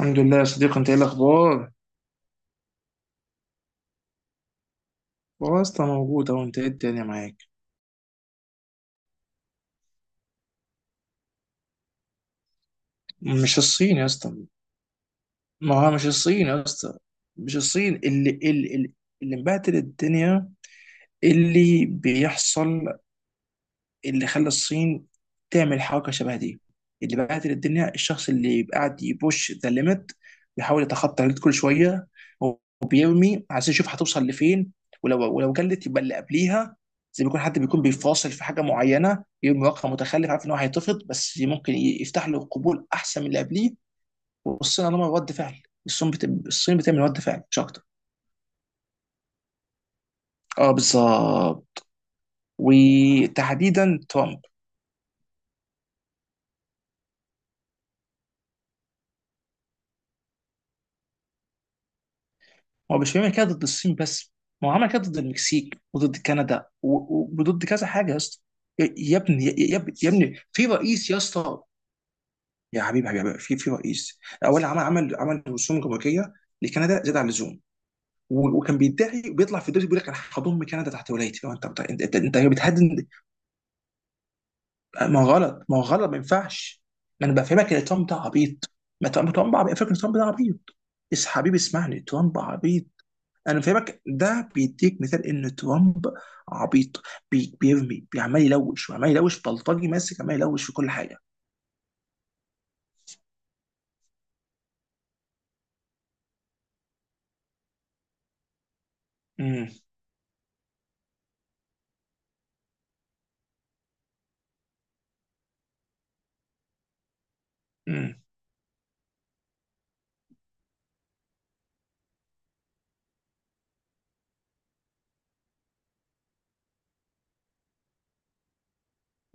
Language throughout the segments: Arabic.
الحمد لله يا صديقي، انت ايه الاخبار؟ والله يا اسطى، موجود اهو. انت ايه الدنيا معاك؟ مش الصين يا اسطى. ما هو مش الصين يا اسطى. مش الصين. اللي اللي مبهدل الدنيا، اللي بيحصل، اللي خلى الصين تعمل حركه شبه دي، اللي بهدل الدنيا، الشخص اللي يبقى قاعد يبوش ذا ليميت، بيحاول يتخطى الليميت كل شويه، وبيرمي عايز يشوف هتوصل لفين. ولو جلت يبقى اللي قبليها، زي ما يكون حد بيكون بيفاصل في حاجه معينه، يرمي رقم متخلف عارف ان هو هيترفض بس ممكن يفتح له قبول احسن من اللي قبليه. والصين عندهم رد فعل. الصين الصين بتعمل رد فعل مش اكتر. اه، بالظبط. وتحديدا ترامب. هو مش بيعمل كده ضد الصين بس. ما هو عمل كده ضد المكسيك وضد كندا وضد كذا حاجه يا اسطى. يا ابني في رئيس يا اسطى. يا حبيبي في رئيس. اولا عمل رسوم جمركيه لكندا زاد عن اللزوم. وكان بيدعي وبيطلع في الدوري بيقول لك انا هضم كندا تحت ولايتي لو انت انت بتهدد. ما هو غلط، ما هو غلط، ما ينفعش. ما انا بفهمك ان ترامب ده عبيط. ما ترامب عبيط، فاكر ترامب ده عبيط. بس حبيبي اسمعني، ترامب عبيط. انا فاهمك، ده بيديك مثال ان ترامب عبيط. بيرمي، بيعمل يلوش، وعمال يلوش، بلطجي ماسك عمال يلوش في كل حاجه. امم. امم.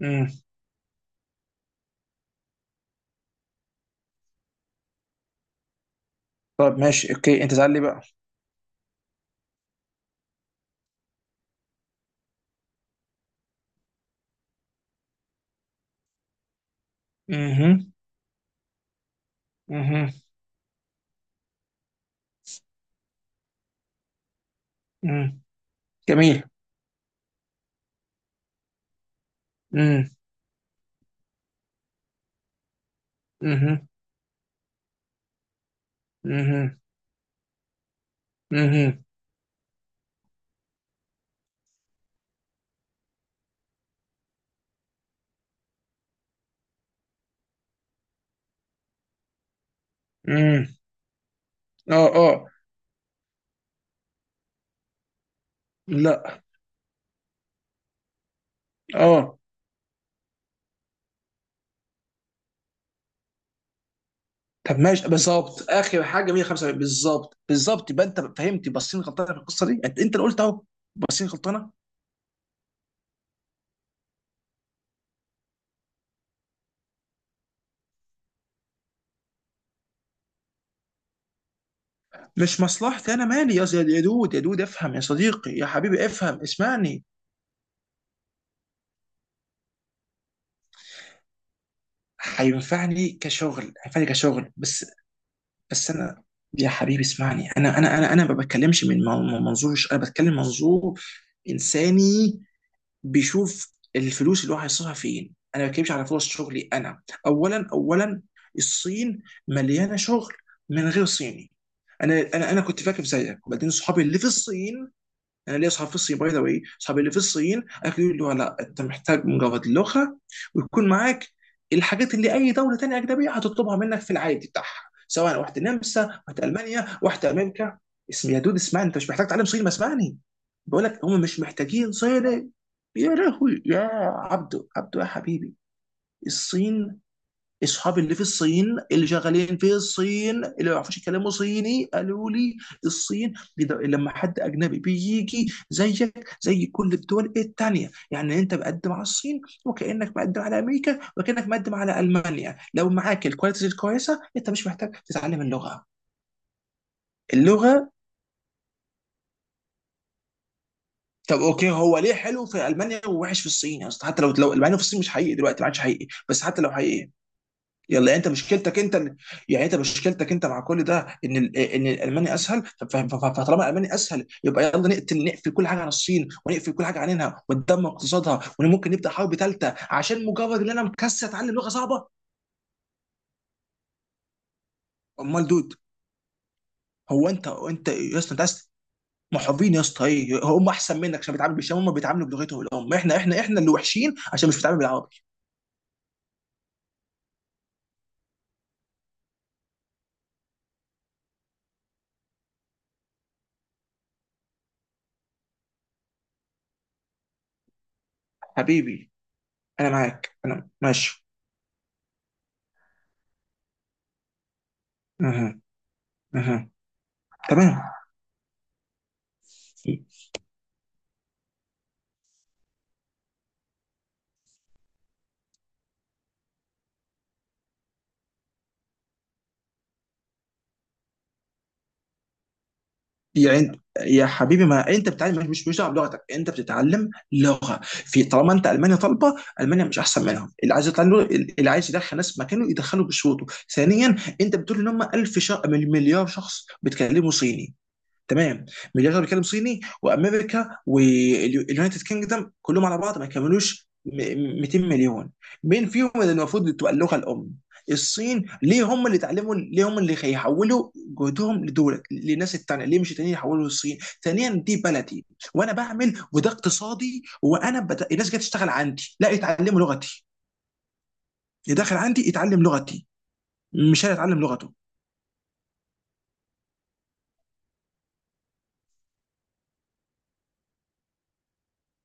امم. طب ماشي، اوكي انت زعل لي بقى. اها. اها. اها. جميل. امم. اها. اها. اها. امم. اه. اه. لا. اه. طب ماشي، بالظبط اخر حاجه 175، بالظبط بالظبط، يبقى انت فهمت بصين غلطانه في القصه دي. انت، انت اللي قلت اهو. بصين غلطانه. مش مصلحتي. انا مالي يا دود افهم يا صديقي يا حبيبي افهم اسمعني. هينفعني كشغل، بس. بس انا، يا حبيبي اسمعني. انا ما بتكلمش من منظور، انا بتكلم منظور انساني بيشوف الفلوس اللي هو هيصرفها فين. انا ما بتكلمش على فرص شغلي. انا، اولا، الصين مليانه شغل من غير صيني. انا كنت فاكر زيك، وبعدين صحابي اللي في الصين. انا ليا اصحاب في الصين، باي ذا واي، اصحابي اللي في الصين اكيد يقولوا لا، انت محتاج مجرد لغه ويكون معاك الحاجات اللي اي دوله تانيه اجنبيه هتطلبها منك في العادي بتاعها، سواء واحده نمسا، واحده المانيا، واحده امريكا. اسم يا دود اسمعني، انت مش محتاج تعلم صيني. ما اسمعني، بقول لك هم مش محتاجين صيني. يا لهوي يا عبدو عبدو يا حبيبي. الصين، اصحابي اللي في الصين، اللي شغالين في الصين، اللي ما يعرفوش يكلموا صيني، قالوا لي الصين لما حد اجنبي بيجي زيك زي كل الدول التانية، يعني انت مقدم على الصين وكانك مقدم على امريكا وكانك مقدم على المانيا، لو معاك الكواليتيز الكويسه انت مش محتاج تتعلم اللغه. اللغه. طب اوكي، هو ليه حلو في المانيا ووحش في الصين يا اسطى؟ حتى لو، المانيا في الصين مش حقيقي دلوقتي، ما عادش حقيقي. بس حتى لو حقيقي، يلا. يعني انت مشكلتك انت، يعني انت مشكلتك انت مع كل ده ان ان الالماني اسهل، فطالما الالماني اسهل يبقى يلا نقتل، نقفل كل حاجه عن الصين، ونقفل كل حاجه عنها، وندمر اقتصادها، وممكن نبدا حرب ثالثه، عشان مجرد ان انا مكسل اتعلم لغه صعبه. امال دود؟ هو انت، انت يا اسطى انت أس- محبين يا اسطى؟ ايه، هم احسن منك عشان بيتعاملوا بالشام؟ هم بيتعاملوا بلغتهم الام، احنا اللي وحشين عشان مش بنتعامل بالعربي. حبيبي انا معاك، انا ماشي. اها. اها. تمام. يعني يا حبيبي، ما انت بتتعلم، مش دعوه بلغتك، انت بتتعلم لغه في، طالما انت المانيا طالبه. المانيا مش احسن منهم. اللي عايز يطلع له، اللي عايز يدخل ناس مكانه يدخله بشروطه. ثانيا، انت بتقول ان هم 1000 مليار شخص بيتكلموا صيني، تمام؟ مليار شخص بيتكلم صيني، وامريكا واليونايتد كينجدم كلهم على بعض ما كملوش 200 مليون. مين فيهم اللي المفروض تبقى اللغه الام؟ الصين ليه هم اللي اتعلموا؟ ليه هم اللي هيحولوا جهدهم لدول، للناس التانية؟ ليه مش التانيين يحولوا للصين؟ ثانيا، دي بلدي وانا بعمل، وده اقتصادي، وانا الناس جايه تشتغل عندي لا يتعلموا لغتي. اللي داخل عندي يتعلم لغتي، مش هيتعلم لغته.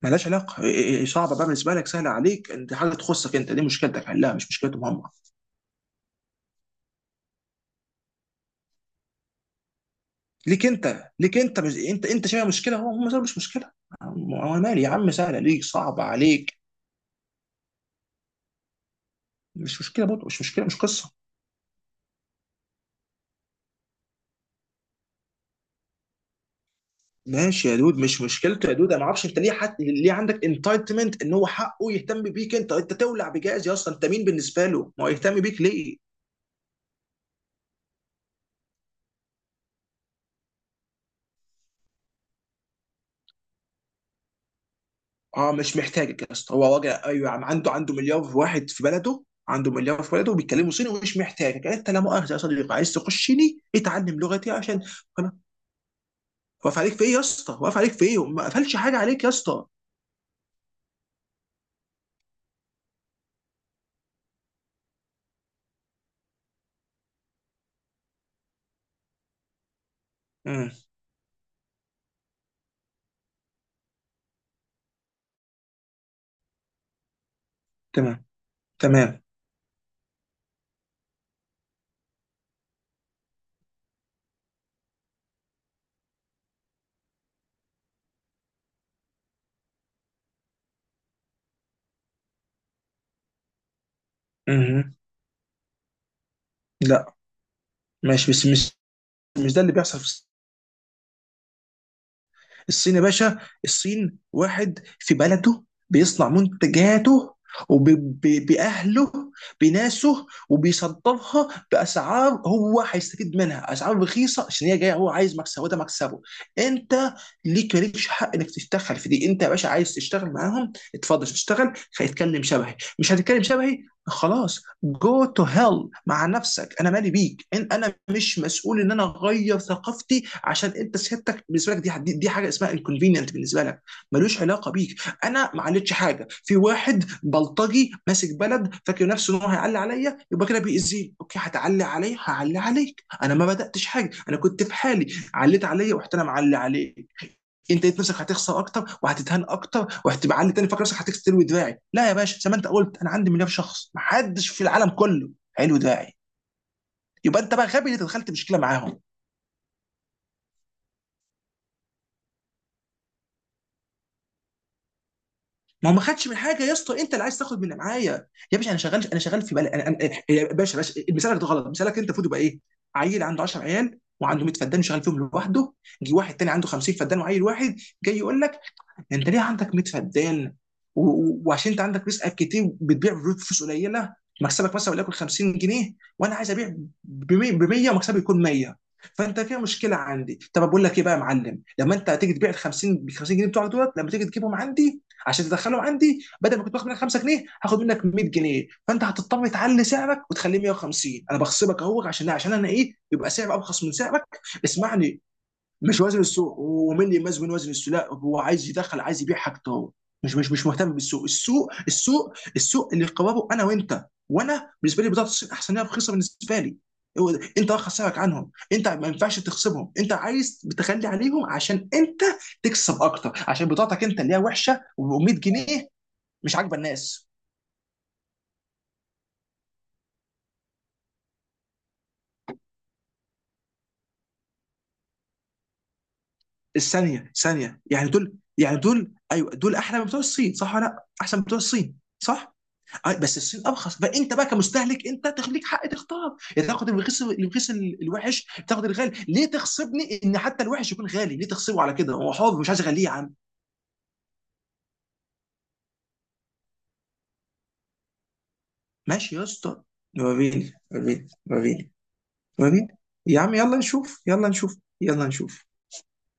ملهاش علاقه. إيه- إيه- إيه، صعبه بقى بالنسبه لك، سهله عليك، انت حاجه تخصك انت، دي مشكلتك حلها مش مشكلتهم هم. ليك انت، ليك انت، مش انت، انت شايفها مشكله، هو هم شايفها مش مشكله. انا مالي يا عم، سهله ليك صعبه عليك. مش مشكله برضه، مش مشكله، مش قصه. ماشي يا دود، مش مشكلته يا دود، انا ما اعرفش انت ليه، حد ليه عندك انتايتمنت ان هو حقه يهتم بيك؟ انت، انت تولع بجهاز يا، اصلا انت مين بالنسبه له؟ ما هو يهتم بيك ليه؟ اه مش محتاجك يا اسطى. هو راجع، ايوه، عم عنده مليار واحد في بلده، عنده مليار في بلده وبيتكلموا صيني، ومش محتاجك انت لا مؤاخذه يا صديقي. عايز تخشني اتعلم لغتي عشان، انا واقف عليك في ايه يا اسطى؟ واقف عليك في ايه؟ ما قفلش حاجه عليك يا اسطى. امم. تمام. تمام. امم. لا. ماشي بس مش، ده اللي بيحصل في الصين يا باشا. الصين واحد في بلده، بيصنع منتجاته وبأهله بناسه، وبيصدرها بأسعار هو هيستفيد منها، أسعار رخيصة عشان هي جاية، هو عايز مكسبه، ده مكسبه. أنت ليك، مالكش حق إنك تتدخل في دي. أنت يا باشا عايز تشتغل معاهم اتفضل تشتغل، هيتكلم شبهي مش هتتكلم شبهي. خلاص، جو تو هيل مع نفسك، انا مالي بيك. انا مش مسؤول ان انا اغير ثقافتي عشان انت سيادتك، بالنسبه لك دي، دي حاجه اسمها انكونفينينت بالنسبه لك. ملوش علاقه بيك. انا ما عليتش حاجه، في واحد بلطجي ماسك بلد فاكر نفسه ان هو هيعلي عليا يبقى كده بيأذيني. اوكي، هتعلي عليا هعلي عليك، انا ما بداتش حاجه انا كنت في حالي، عليت عليا ورحت انا معلي عليك. انت لقيت نفسك هتخسر اكتر وهتتهان اكتر، وهتبقى عالي تاني فاكر نفسك هتستلوي دراعي. لا يا باشا، زي ما انت قلت، انا عندي مليار شخص، محدش في العالم كله هيلوي دراعي. يبقى انت بقى غبي اللي دخلت مشكله معاهم. ما هو ما خدش من حاجه يا اسطى، انت اللي عايز تاخد من معايا. يا باشا انا شغال، انا شغال، في بالي انا، انا. يا باشا، باشا، مثالك ده غلط، مثالك انت المفروض يبقى ايه؟ عيل عنده 10 عيال وعنده 100 فدان شغال فيهم لوحده. جه واحد تاني عنده 50 فدان وعيل واحد، جاي يقول لك: انت ليه عندك 100 فدان؟ وعشان انت عندك رزقك كتير بتبيع بفلوس قليله، مكسبك مثلا وليكن 50 جنيه، وانا عايز ابيع ب 100 ومكسبي يكون 100، فانت فيها مشكله عندي. طب بقول لك ايه بقى يا معلم، لما انت هتيجي تبيع ال 50 ب 50 جنيه بتوعك دولت، لما تيجي تجيبهم عندي عشان تدخلهم عندي، بدل ما كنت باخد منك 5 جنيه هاخد منك 100 جنيه، فانت هتضطر تعلي سعرك وتخليه 150. انا بخصبك اهو، عشان، عشان انا ايه، يبقى سعري ارخص من سعرك. اسمعني، مش وزن السوق، ومين اللي يميز بين وزن السوق؟ لا، هو عايز يدخل، عايز يبيع حاجته هو، مش مهتم بالسوق. السوق السوق السوق اللي قراره انا وانت. وانا بالنسبه لي بضاعه الصين احسن، هي رخيصه بالنسبه لي. هو ده، انت واخد سعرك عنهم، انت ما ينفعش تخصمهم، انت عايز بتخلي عليهم عشان انت تكسب اكتر، عشان بضاعتك انت اللي هي وحشه و100 جنيه مش عاجبه الناس. الثانيه ثانيه، يعني دول، يعني دول، ايوه دول احلى من بتوع الصين، صح؟ ولا لا احسن من بتوع الصين، صح؟ آه، بس الصين ارخص، فانت بقى كمستهلك انت ليك حق تختار، يا تاخد الرخيص، الرخيص الوحش، تاخد الغالي. ليه تخصبني ان حتى الوحش يكون غالي؟ ليه تخصبه على كده؟ هو حر مش عايز اغليه يا عم. ماشي يا اسطى. وريني، وريني، وريني، وريني يا عم. يلا نشوف، يلا نشوف، يلا نشوف.